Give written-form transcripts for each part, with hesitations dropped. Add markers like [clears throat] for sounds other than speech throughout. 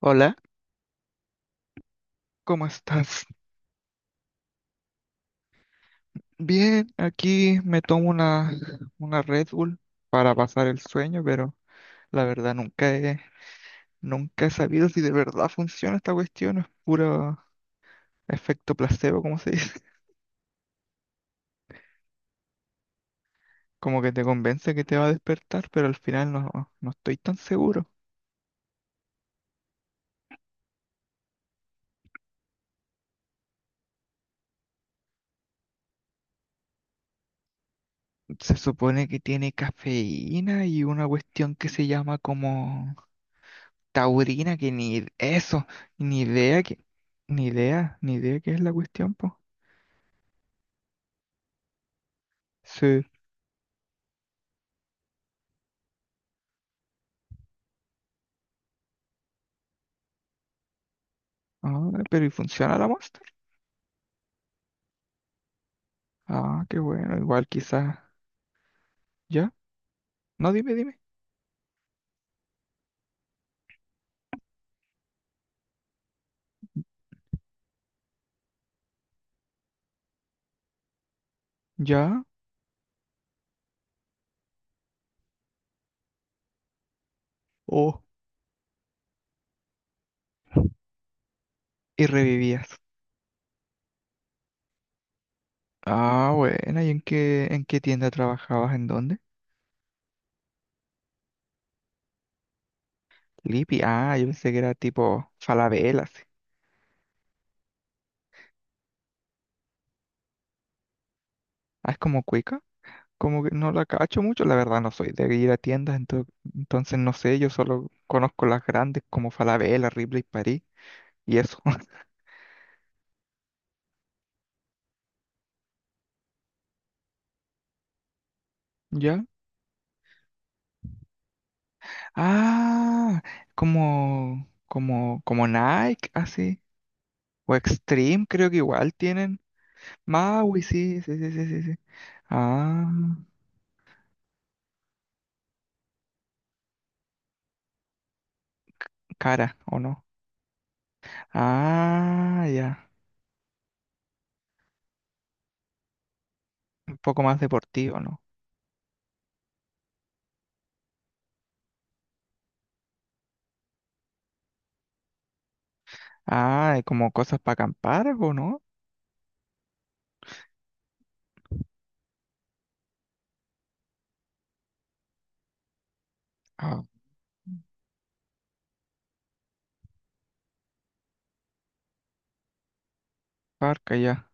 Hola, ¿cómo estás? Bien, aquí me tomo una Red Bull para pasar el sueño, pero la verdad nunca he sabido si de verdad funciona esta cuestión. Es puro efecto placebo, como se dice. [laughs] Como que te convence que te va a despertar, pero al final no estoy tan seguro. Se supone que tiene cafeína y una cuestión que se llama como taurina, que ni eso, ni idea que, ni idea qué es la cuestión, po. Sí. Ah, pero ¿y funciona la Monster? Ah, qué bueno, igual quizás. ¿Ya? No, dime, dime. ¿Ya? Oh, y revivías. Ah, bueno, ¿y en qué tienda trabajabas? ¿En dónde? Lipi, ah, yo pensé que era tipo Falabella, así. Ah, es como Cuica. Como que no la cacho mucho, la verdad no soy de ir a tiendas, entonces no sé, yo solo conozco las grandes como Falabella, Ripley, París y eso. [laughs] ¿Ya? Ah, como Nike, así. O Extreme, creo que igual tienen. Maui, sí, sí, sí, sí, sí, sí. Ah, cara, ¿o no? Ah, ya. Un poco más deportivo, ¿no? Ah, ¿y como cosas para acampar, o no? Ah, parca, ya.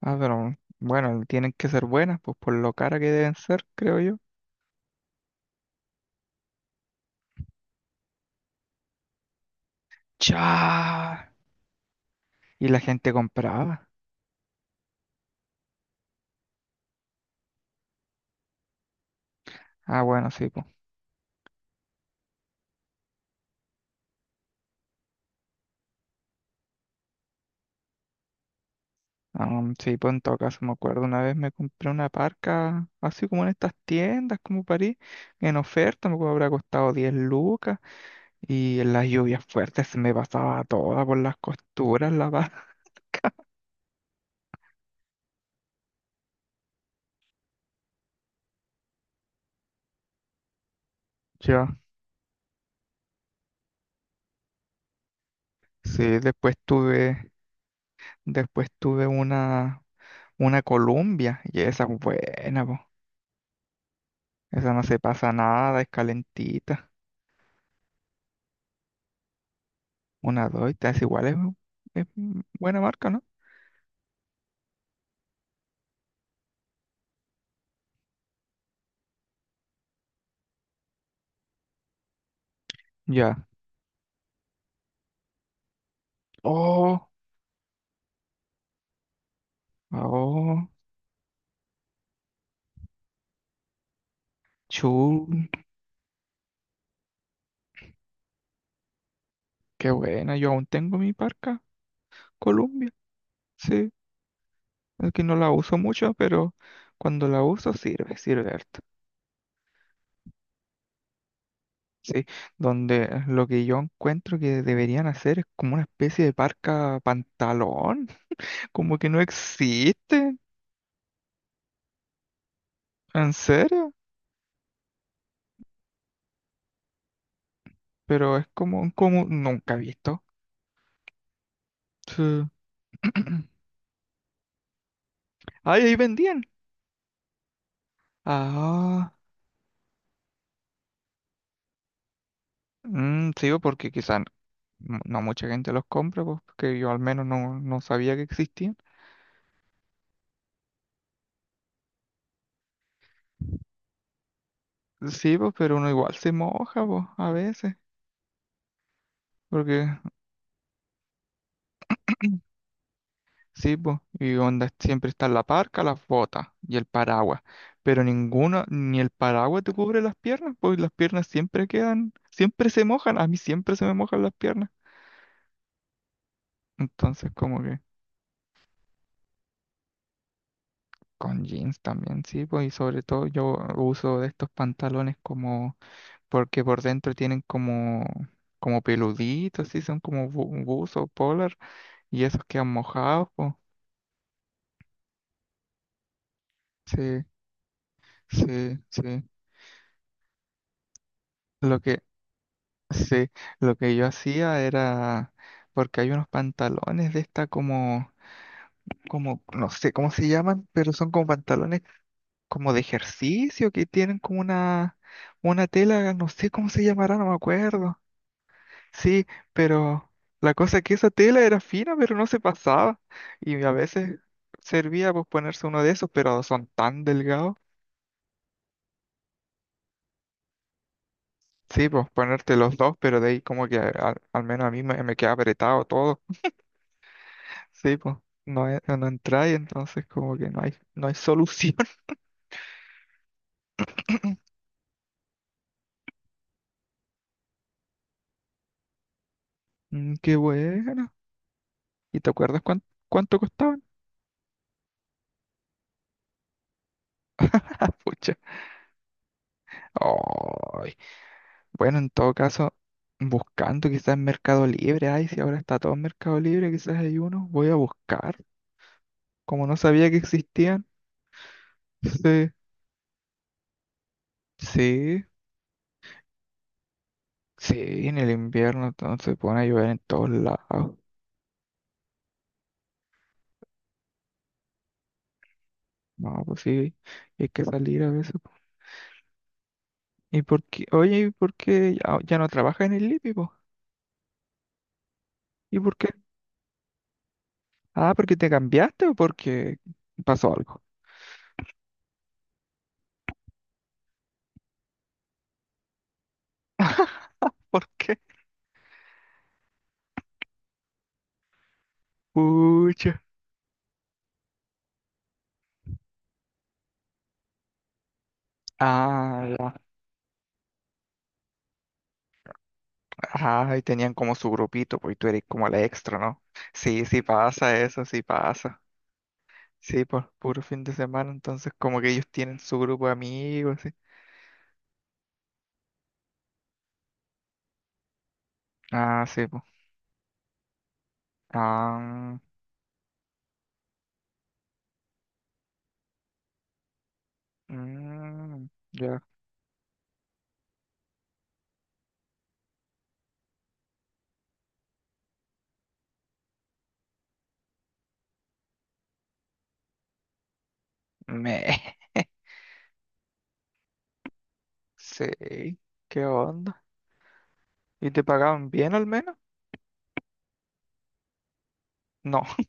Ah, pero bueno, tienen que ser buenas, pues por lo cara que deben ser, creo yo. ¡Chá! Y la gente compraba. Ah, bueno, sí, pues. Sí, pues en todo caso me acuerdo, una vez me compré una parca, así como en estas tiendas como París, en oferta, me acuerdo, habrá costado 10 lucas y en las lluvias fuertes se me pasaba toda por las costuras la parca. [laughs] Ya, sí, después tuve una Columbia y esa es buena, po. Esa no se pasa nada, es calentita. Una Doita, es buena marca, ¿no? Ya. Oh, oh, chu. Qué buena, yo aún tengo mi parca Columbia, sí, es que no la uso mucho, pero cuando la uso sirve, sirve harto, sí, donde lo que yo encuentro que deberían hacer es como una especie de parca pantalón, [laughs] como que no existe, en serio, pero es como, como nunca he visto, sí. [clears throat] Ay, ahí vendían, ah, mm, sí, porque quizás no mucha gente los compra, pues, porque yo al menos no, no sabía que existían. Sí, pues, pero uno igual se moja, pues, a veces. Porque, sí, pues, y onda, siempre está la parca, las botas y el paraguas. Pero ninguno, ni el paraguas te cubre las piernas, pues las piernas siempre quedan, siempre se mojan. A mí siempre se me mojan las piernas. Entonces, como que con jeans también, sí, pues, y sobre todo yo uso de estos pantalones como, porque por dentro tienen como, como peluditos, sí, son como bu buzo, polar, y esos quedan mojados, pues. Sí. Sí, sí. Lo que, sí, lo que yo hacía era, porque hay unos pantalones de esta como, como, no sé cómo se llaman, pero son como pantalones como de ejercicio que tienen como una tela, no sé cómo se llamará, no me acuerdo. Sí, pero la cosa es que esa tela era fina, pero no se pasaba. Y a veces servía pues ponerse uno de esos, pero son tan delgados. Sí, pues ponerte los dos, pero de ahí como que al menos a mí me queda apretado todo. Sí, pues no, no entráis, entonces como que no hay, no hay solución. [laughs] Mm, qué bueno. ¿Y te acuerdas cuánto costaban? [laughs] Ah, pucha. Ay. Bueno, en todo caso, buscando quizás en Mercado Libre. Ay, si ahora está todo en Mercado Libre, quizás hay uno. Voy a buscar. Como no sabía que existían. [laughs] Sí, sí, sí, en el invierno entonces se pone a llover en todos lados. No, pues sí, hay que salir a veces, po. ¿Y por qué? Oye, ¿y por qué ya no trabajas en el Lipi, po? ¿Y por qué? Ah, ¿porque te cambiaste o porque pasó algo? [laughs] ¿Por qué? Pucha. Ah, ya. Ah, y tenían como su grupito, pues, y tú eres como la extra, ¿no? Sí, sí pasa eso, sí pasa. Sí, pues, puro fin de semana, entonces como que ellos tienen su grupo de amigos, sí. Ah, sí, pues. Ah, mm, ya. Me. [laughs] Sí, ¿qué onda? ¿Y te pagaban bien al menos? No. [laughs]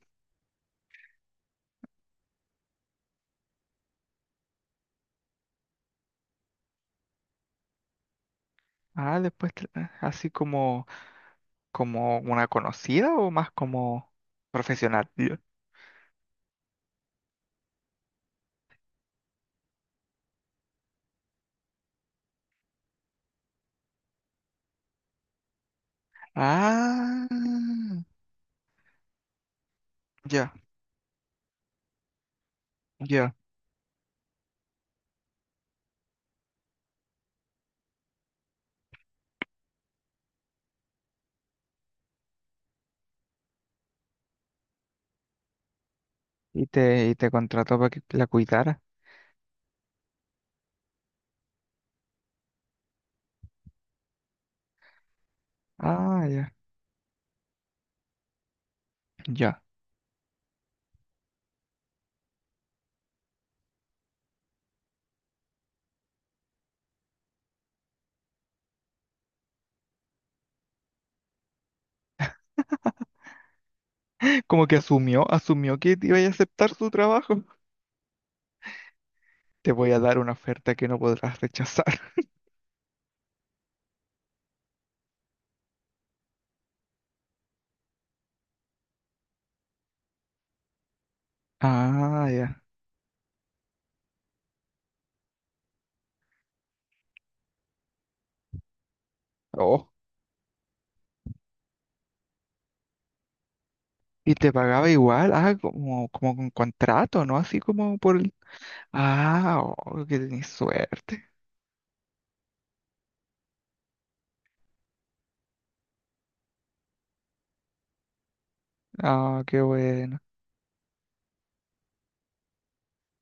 Ah, después, así como, como una conocida o más como profesional. Ya. Ah, ya, ya. Y y te contrató para que la cuidara. Ah, ya, ya. Como que asumió que te iba a aceptar su trabajo. Te voy a dar una oferta que no podrás rechazar. [laughs] Ah, ya. Oh. Y te pagaba igual, ah, como, como con contrato, ¿no? Así como por el... Ah, oh, que tenés suerte. Ah, qué bueno.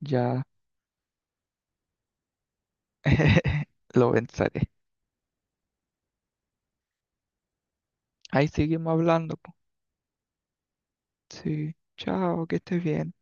Ya, [laughs] lo pensaré. Ahí seguimos hablando, po. Sí. Chao, que estés bien.